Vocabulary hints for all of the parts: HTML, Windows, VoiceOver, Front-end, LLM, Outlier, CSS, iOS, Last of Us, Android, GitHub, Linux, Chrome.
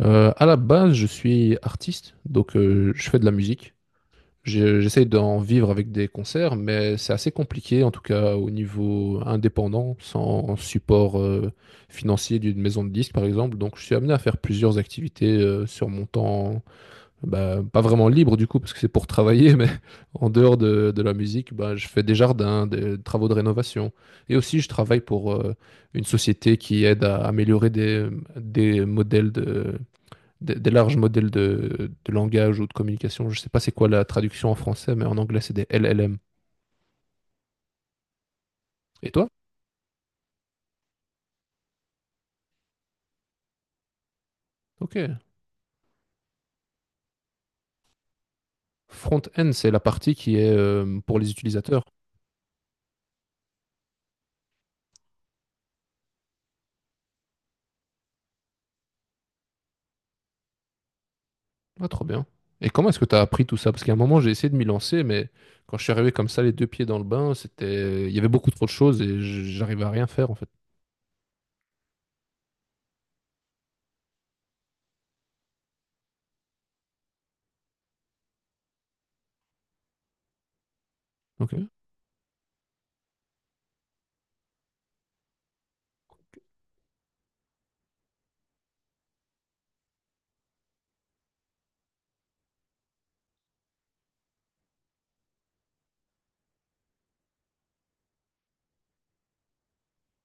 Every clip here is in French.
À la base, je suis artiste, donc je fais de la musique. J'essaye d'en vivre avec des concerts, mais c'est assez compliqué, en tout cas au niveau indépendant, sans support financier d'une maison de disques, par exemple. Donc, je suis amené à faire plusieurs activités sur mon temps, bah, pas vraiment libre du coup, parce que c'est pour travailler, mais en dehors de la musique, bah, je fais des jardins, des travaux de rénovation. Et aussi, je travaille pour une société qui aide à améliorer des modèles de des larges modèles de langage ou de communication. Je ne sais pas c'est quoi la traduction en français, mais en anglais, c'est des LLM. Et toi? Ok. Front-end, c'est la partie qui est pour les utilisateurs. Ah, trop bien. Et comment est-ce que tu as appris tout ça? Parce qu'à un moment, j'ai essayé de m'y lancer, mais quand je suis arrivé comme ça, les deux pieds dans le bain, c'était il y avait beaucoup trop de choses et j'arrivais à rien faire, en fait. Ok.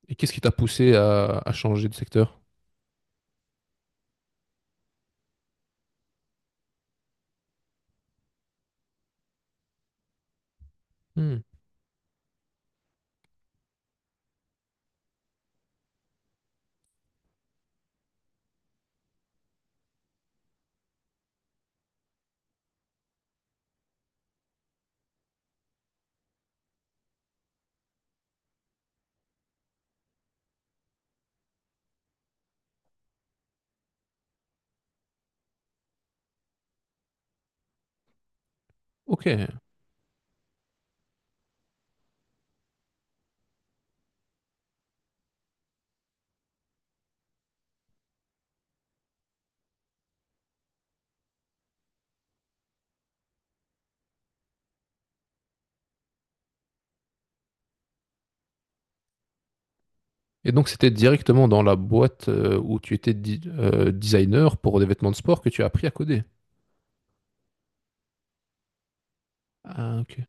Et qu'est-ce qui t'a poussé à changer de secteur? Hmm. Ok. Et donc, c'était directement dans la boîte où tu étais designer pour des vêtements de sport que tu as appris à coder. Ah, ok.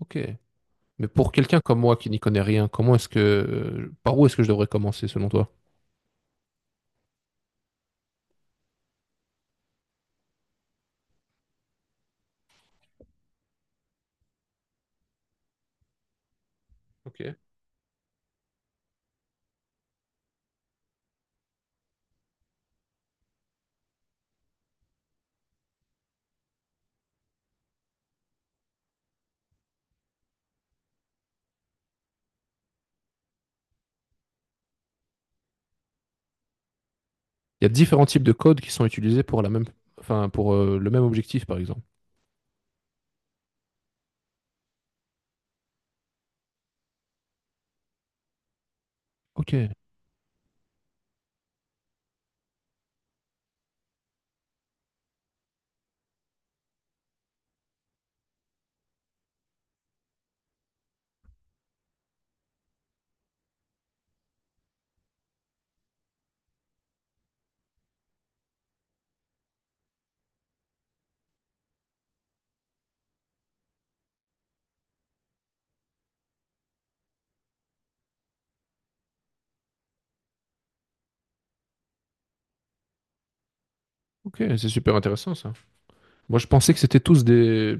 Ok. Mais pour quelqu'un comme moi qui n'y connaît rien, comment est-ce que, par où est-ce que je devrais commencer selon toi? Ok. Il y a différents types de codes qui sont utilisés pour la même, enfin, pour le même objectif, par exemple. Ok. Ok, c'est super intéressant ça. Moi, je pensais que c'était tous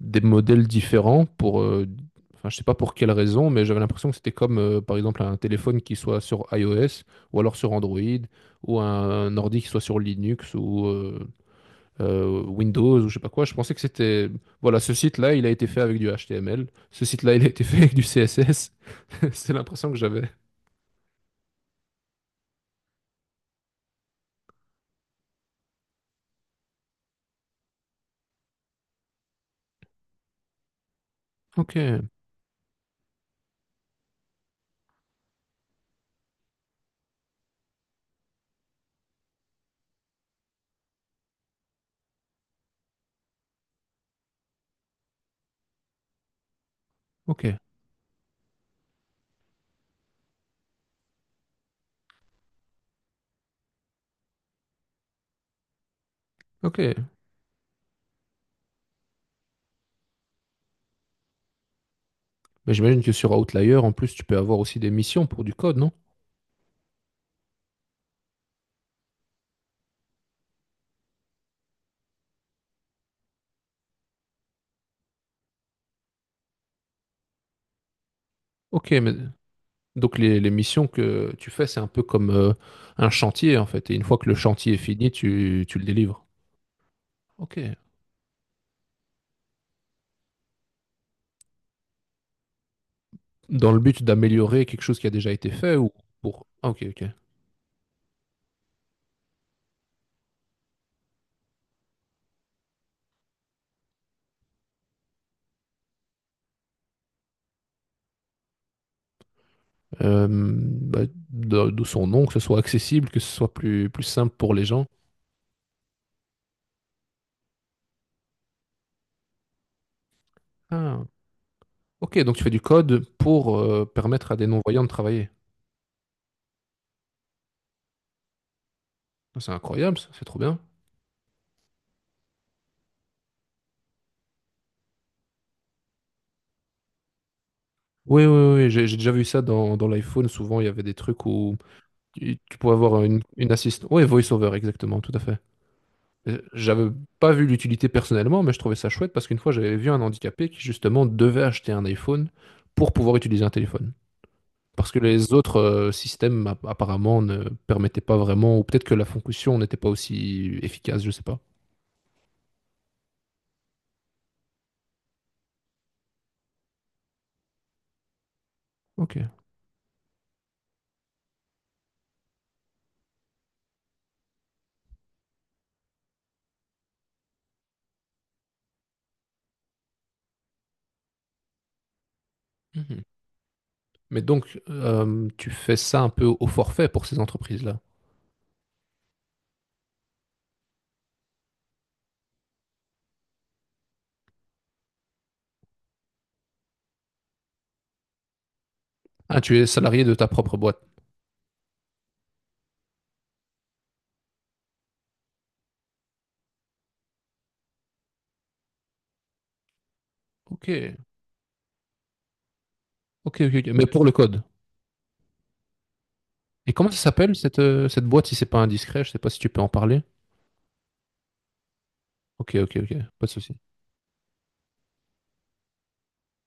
des modèles différents pour, enfin, je sais pas pour quelle raison, mais j'avais l'impression que c'était comme, par exemple, un téléphone qui soit sur iOS ou alors sur Android ou un, ordi qui soit sur Linux ou, Windows ou je sais pas quoi. Je pensais que c'était Voilà, ce site-là, il a été fait avec du HTML. Ce site-là, il a été fait avec du CSS. C'est l'impression que j'avais. Ok, ok, ok. Mais j'imagine que sur Outlier, en plus, tu peux avoir aussi des missions pour du code, non? Ok, mais Donc les missions que tu fais, c'est un peu comme un chantier, en fait. Et une fois que le chantier est fini, tu le délivres. Ok. Dans le but d'améliorer quelque chose qui a déjà été fait ou pour Ah, ok, ok. Bah, de son nom, que ce soit accessible, que ce soit plus, plus simple pour les gens. Ah, ok, donc tu fais du code pour permettre à des non-voyants de travailler. Ah, c'est incroyable, ça, c'est trop bien. Oui, oui, oui, j'ai déjà vu ça dans l'iPhone. Souvent, il y avait des trucs où tu pouvais avoir une assistante. Oui, VoiceOver, exactement, tout à fait. J'avais pas vu l'utilité personnellement, mais je trouvais ça chouette parce qu'une fois, j'avais vu un handicapé qui, justement, devait acheter un iPhone pour pouvoir utiliser un téléphone. Parce que les autres systèmes apparemment ne permettaient pas vraiment, ou peut-être que la fonction n'était pas aussi efficace, je sais pas. Ok. Mhm. Mais donc, tu fais ça un peu au forfait pour ces entreprises-là. Ah, tu es salarié de ta propre boîte. Ok, ok, ok. Ok. Mais pour le code. Et comment ça s'appelle cette, cette boîte si c'est pas indiscret? Je sais pas si tu peux en parler. Ok, ok, ok. Pas de souci.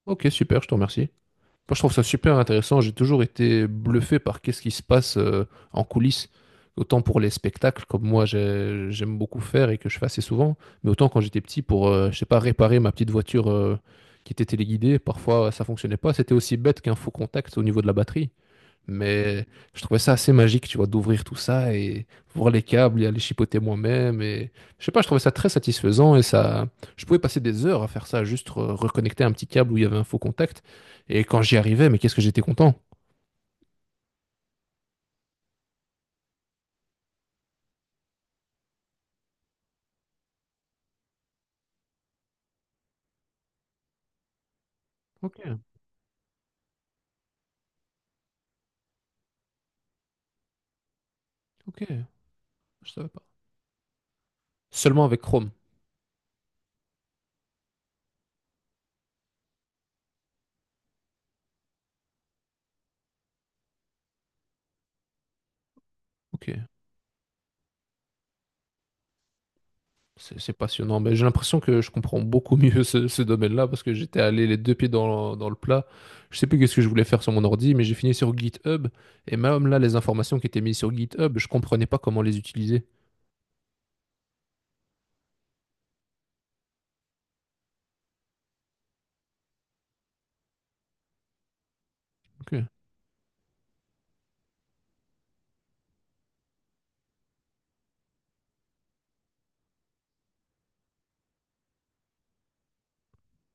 Ok, super, je te remercie. Moi, je trouve ça super intéressant. J'ai toujours été bluffé par qu'est-ce qui se passe en coulisses, autant pour les spectacles, comme moi j'aime beaucoup faire et que je fais assez souvent, mais autant quand j'étais petit pour, je sais pas, réparer ma petite voiture qui était téléguidée. Parfois, ça fonctionnait pas. C'était aussi bête qu'un faux contact au niveau de la batterie. Mais je trouvais ça assez magique, tu vois, d'ouvrir tout ça et voir les câbles et aller chipoter moi-même. Et je sais pas, je trouvais ça très satisfaisant et ça, je pouvais passer des heures à faire ça, juste reconnecter un petit câble où il y avait un faux contact. Et quand j'y arrivais, mais qu'est-ce que j'étais content. Ok, ok, je savais pas. Seulement avec Chrome. Ok. C'est passionnant. Mais j'ai l'impression que je comprends beaucoup mieux ce, ce domaine-là parce que j'étais allé les deux pieds dans, dans le plat. Je sais plus qu'est-ce que je voulais faire sur mon ordi, mais j'ai fini sur GitHub. Et même là, les informations qui étaient mises sur GitHub, je comprenais pas comment les utiliser. Ok.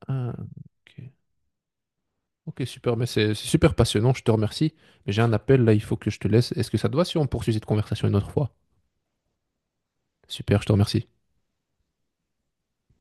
Ah, ok. Ok, super. Mais c'est super passionnant. Je te remercie. Mais j'ai un appel là, il faut que je te laisse. Est-ce que ça te va si on poursuit cette conversation une autre fois? Super, je te remercie.